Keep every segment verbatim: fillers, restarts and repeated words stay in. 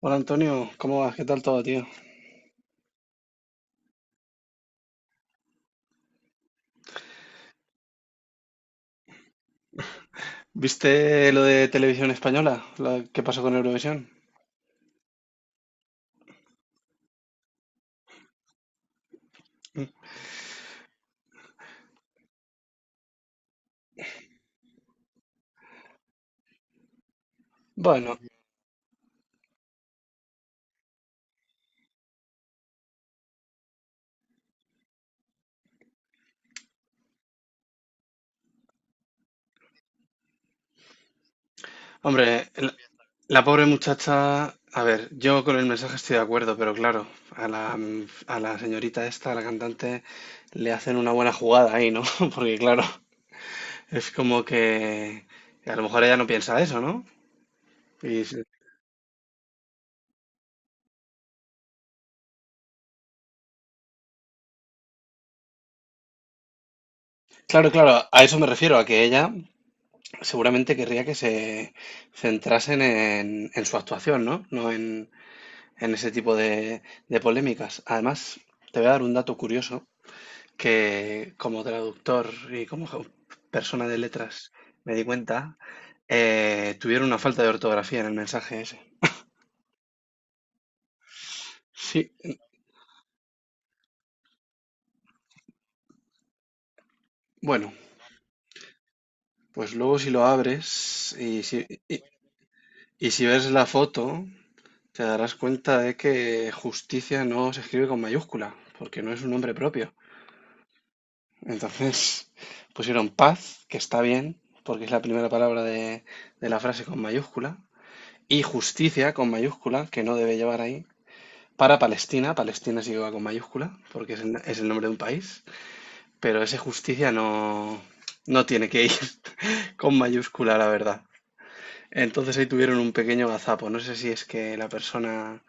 Hola Antonio, ¿cómo vas? ¿Qué tal todo, tío? ¿Viste lo de Televisión Española? la- ¿Qué pasó con Eurovisión? Bueno, hombre, el- la pobre muchacha. A ver, yo con el mensaje estoy de acuerdo, pero claro, a la, mm, a la señorita esta, a la cantante, le hacen una buena jugada ahí, ¿no? Porque claro, es como que a lo mejor ella no piensa eso, ¿no? Y se- Claro, claro, a eso me refiero, a que ella seguramente querría que se centrasen en, en su actuación, ¿no? No en, en ese tipo de, de polémicas. Además, te voy a dar un dato curioso que como traductor y como jau- persona de letras me di cuenta, eh, tuvieron una falta de ortografía en el mensaje ese. Sí, bueno, pues luego si lo abres y si, y- y si ves la foto, te darás cuenta de que justicia no se escribe con mayúscula, porque no es un nombre propio. Entonces pusieron paz, que está bien, porque es la primera palabra de, de la frase con mayúscula, y justicia con mayúscula, que no debe llevar ahí, para Palestina. Palestina sí que va con mayúscula, porque es el, es el nombre de un país, pero ese justicia no, no tiene que ir con mayúscula, la verdad. Entonces ahí tuvieron un pequeño gazapo. No sé si es que la persona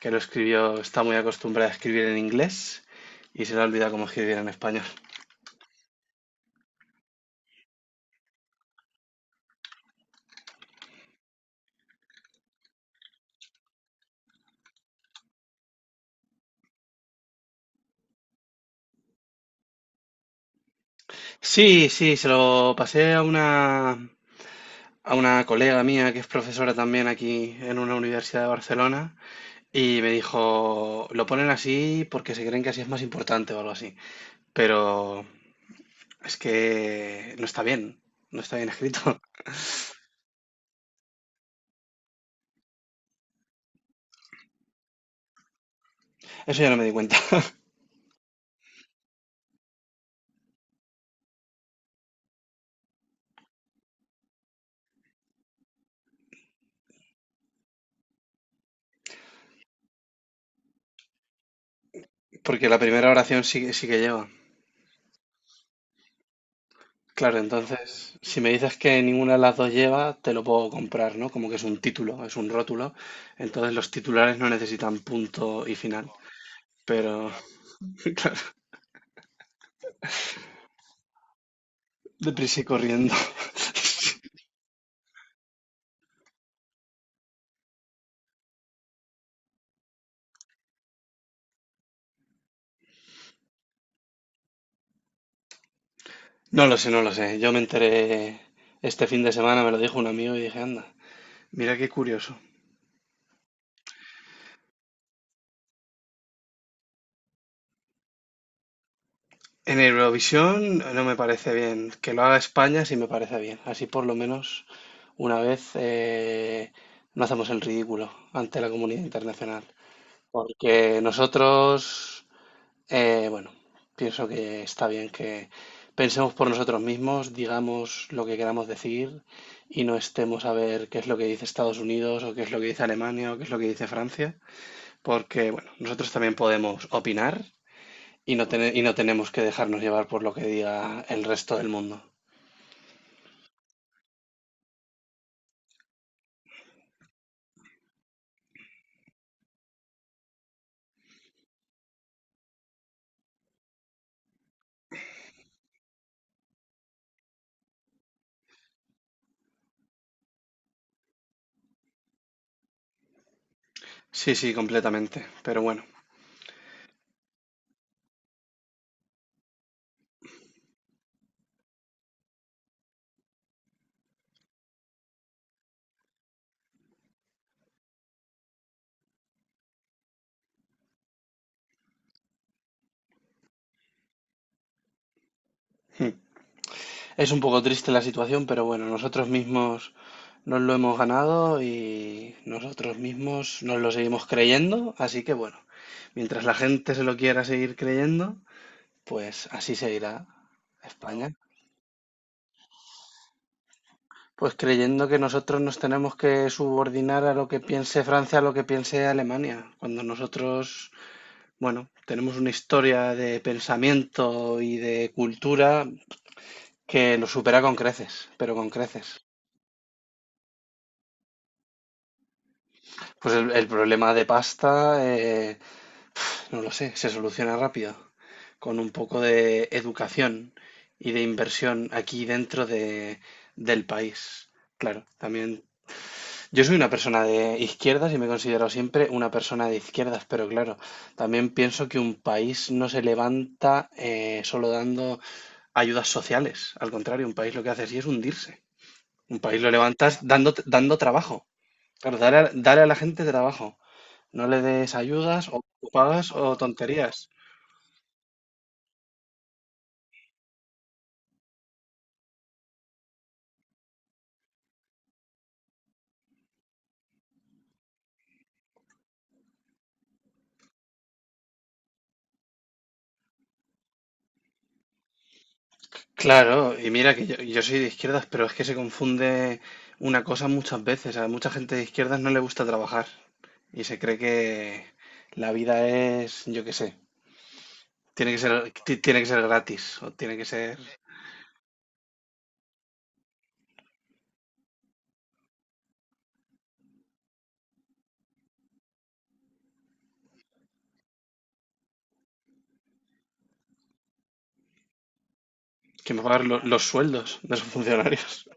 que lo escribió está muy acostumbrada a escribir en inglés y se le ha olvidado cómo escribir en español. Sí, sí, se lo pasé a una, a una colega mía que es profesora también aquí en una universidad de Barcelona y me dijo, lo ponen así porque se creen que así es más importante o algo así, pero es que no está bien, no está bien escrito. Eso ya no me di cuenta, porque la primera oración sí, que- sí que lleva. Claro, entonces, si me dices que ninguna de las dos lleva, te lo puedo comprar, ¿no? Como que es un título, es un rótulo, entonces los titulares no necesitan punto y final, pero... Deprisa y corriendo. No lo sé, no lo sé. Yo me enteré este fin de semana, me lo dijo un amigo y dije, anda, mira qué curioso. En Eurovisión no me parece bien. Que lo haga España sí me parece bien. Así por lo menos una vez eh, no hacemos el ridículo ante la comunidad internacional. Porque nosotros... Eh, bueno, pienso que está bien que pensemos por nosotros mismos, digamos lo que queramos decir y no estemos a ver qué es lo que dice Estados Unidos o qué es lo que dice Alemania o qué es lo que dice Francia, porque bueno, nosotros también podemos opinar y no tene- y no tenemos que dejarnos llevar por lo que diga el resto del mundo. Sí, sí, completamente, pero bueno. Es un poco triste la situación, pero bueno, nosotros mismos nos lo hemos ganado y nosotros mismos nos lo seguimos creyendo, así que bueno, mientras la gente se lo quiera seguir creyendo, pues así seguirá España. Pues creyendo que nosotros nos tenemos que subordinar a lo que piense Francia, a lo que piense Alemania, cuando nosotros, bueno, tenemos una historia de pensamiento y de cultura que lo supera con creces, pero con creces. Pues el, el problema de pasta, eh, no lo sé, se soluciona rápido con un poco de educación y de inversión aquí dentro de, del país. Claro, también. Yo soy una persona de izquierdas y me he considerado siempre una persona de izquierdas, pero claro, también pienso que un país no se levanta eh, solo dando ayudas sociales. Al contrario, un país lo que hace así es hundirse. Un país lo levantas dando, dando trabajo. Claro, dar a, dar a la gente trabajo. No le des ayudas o pagas o tonterías. Claro, y mira que yo, yo soy de izquierdas, pero es que se confunde una cosa muchas veces. A mucha gente de izquierdas no le gusta trabajar y se cree que la vida es, yo qué sé, tiene que ser, ti- tiene que ser gratis o tiene que ser que mejorar lo- los sueldos de esos funcionarios.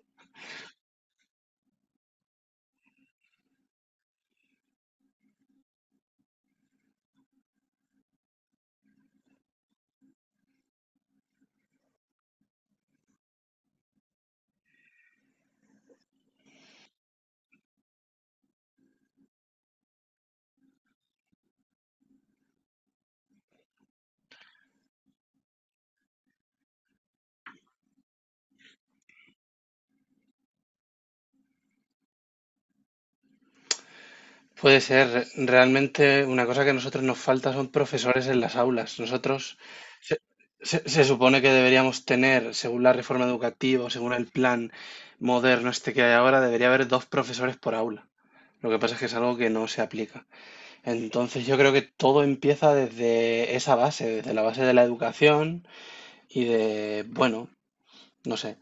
Puede ser, realmente una cosa que a nosotros nos falta son profesores en las aulas. Nosotros se, se- se supone que deberíamos tener, según la reforma educativa, o según el plan moderno este que hay ahora, debería haber dos profesores por aula. Lo que pasa es que es algo que no se aplica. Entonces yo creo que todo empieza desde esa base, desde la base de la educación y de, bueno, no sé.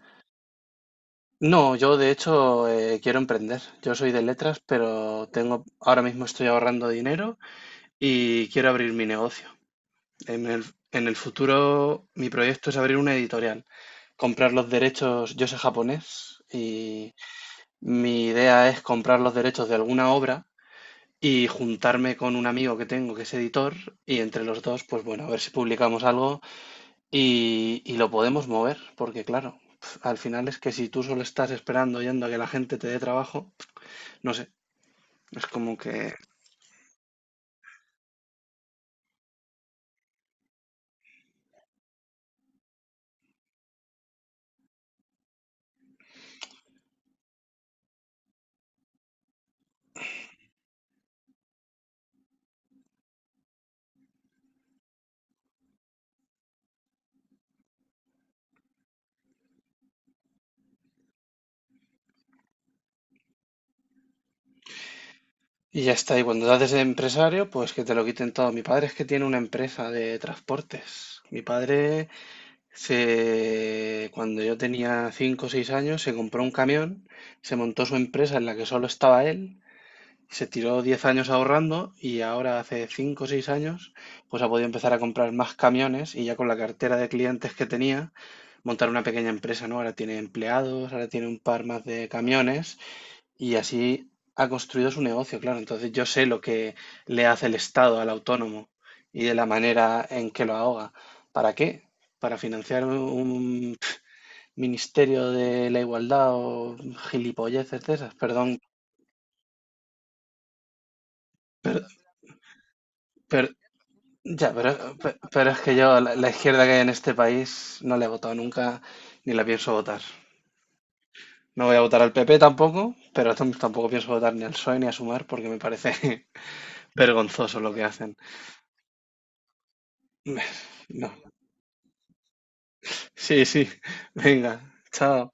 No, yo de hecho eh, quiero emprender. Yo soy de letras, pero tengo, ahora mismo estoy ahorrando dinero y quiero abrir mi negocio. En el, en el futuro, mi proyecto es abrir una editorial, comprar los derechos, yo sé japonés, y mi idea es comprar los derechos de alguna obra y juntarme con un amigo que tengo que es editor y entre los dos, pues bueno, a ver si publicamos algo y, y lo podemos mover, porque claro, al final es que si tú solo estás esperando yendo a que la gente te dé trabajo, no sé, es como que... Y ya está. Y cuando te haces empresario, pues que te lo quiten todo. Mi padre es que tiene una empresa de transportes. Mi padre se, cuando yo tenía cinco o seis años, se compró un camión, se montó su empresa en la que solo estaba él, se tiró diez años ahorrando y ahora hace cinco o seis años, pues ha podido empezar a comprar más camiones y ya con la cartera de clientes que tenía, montar una pequeña empresa, ¿no? Ahora tiene empleados, ahora tiene un par más de camiones y así ha construido su negocio, claro. Entonces yo sé lo que le hace el Estado al autónomo y de la manera en que lo ahoga. ¿Para qué? ¿Para financiar un ministerio de la igualdad o gilipolleces de esas? Perdón, pero, ya, pero, pe- pero es que yo la, la izquierda que hay en este país no la he votado nunca ni la pienso votar. No voy a votar al P P tampoco, pero tam- tampoco pienso votar ni al PSOE ni a Sumar porque me parece vergonzoso lo que hacen. No. Sí, sí. Venga, chao.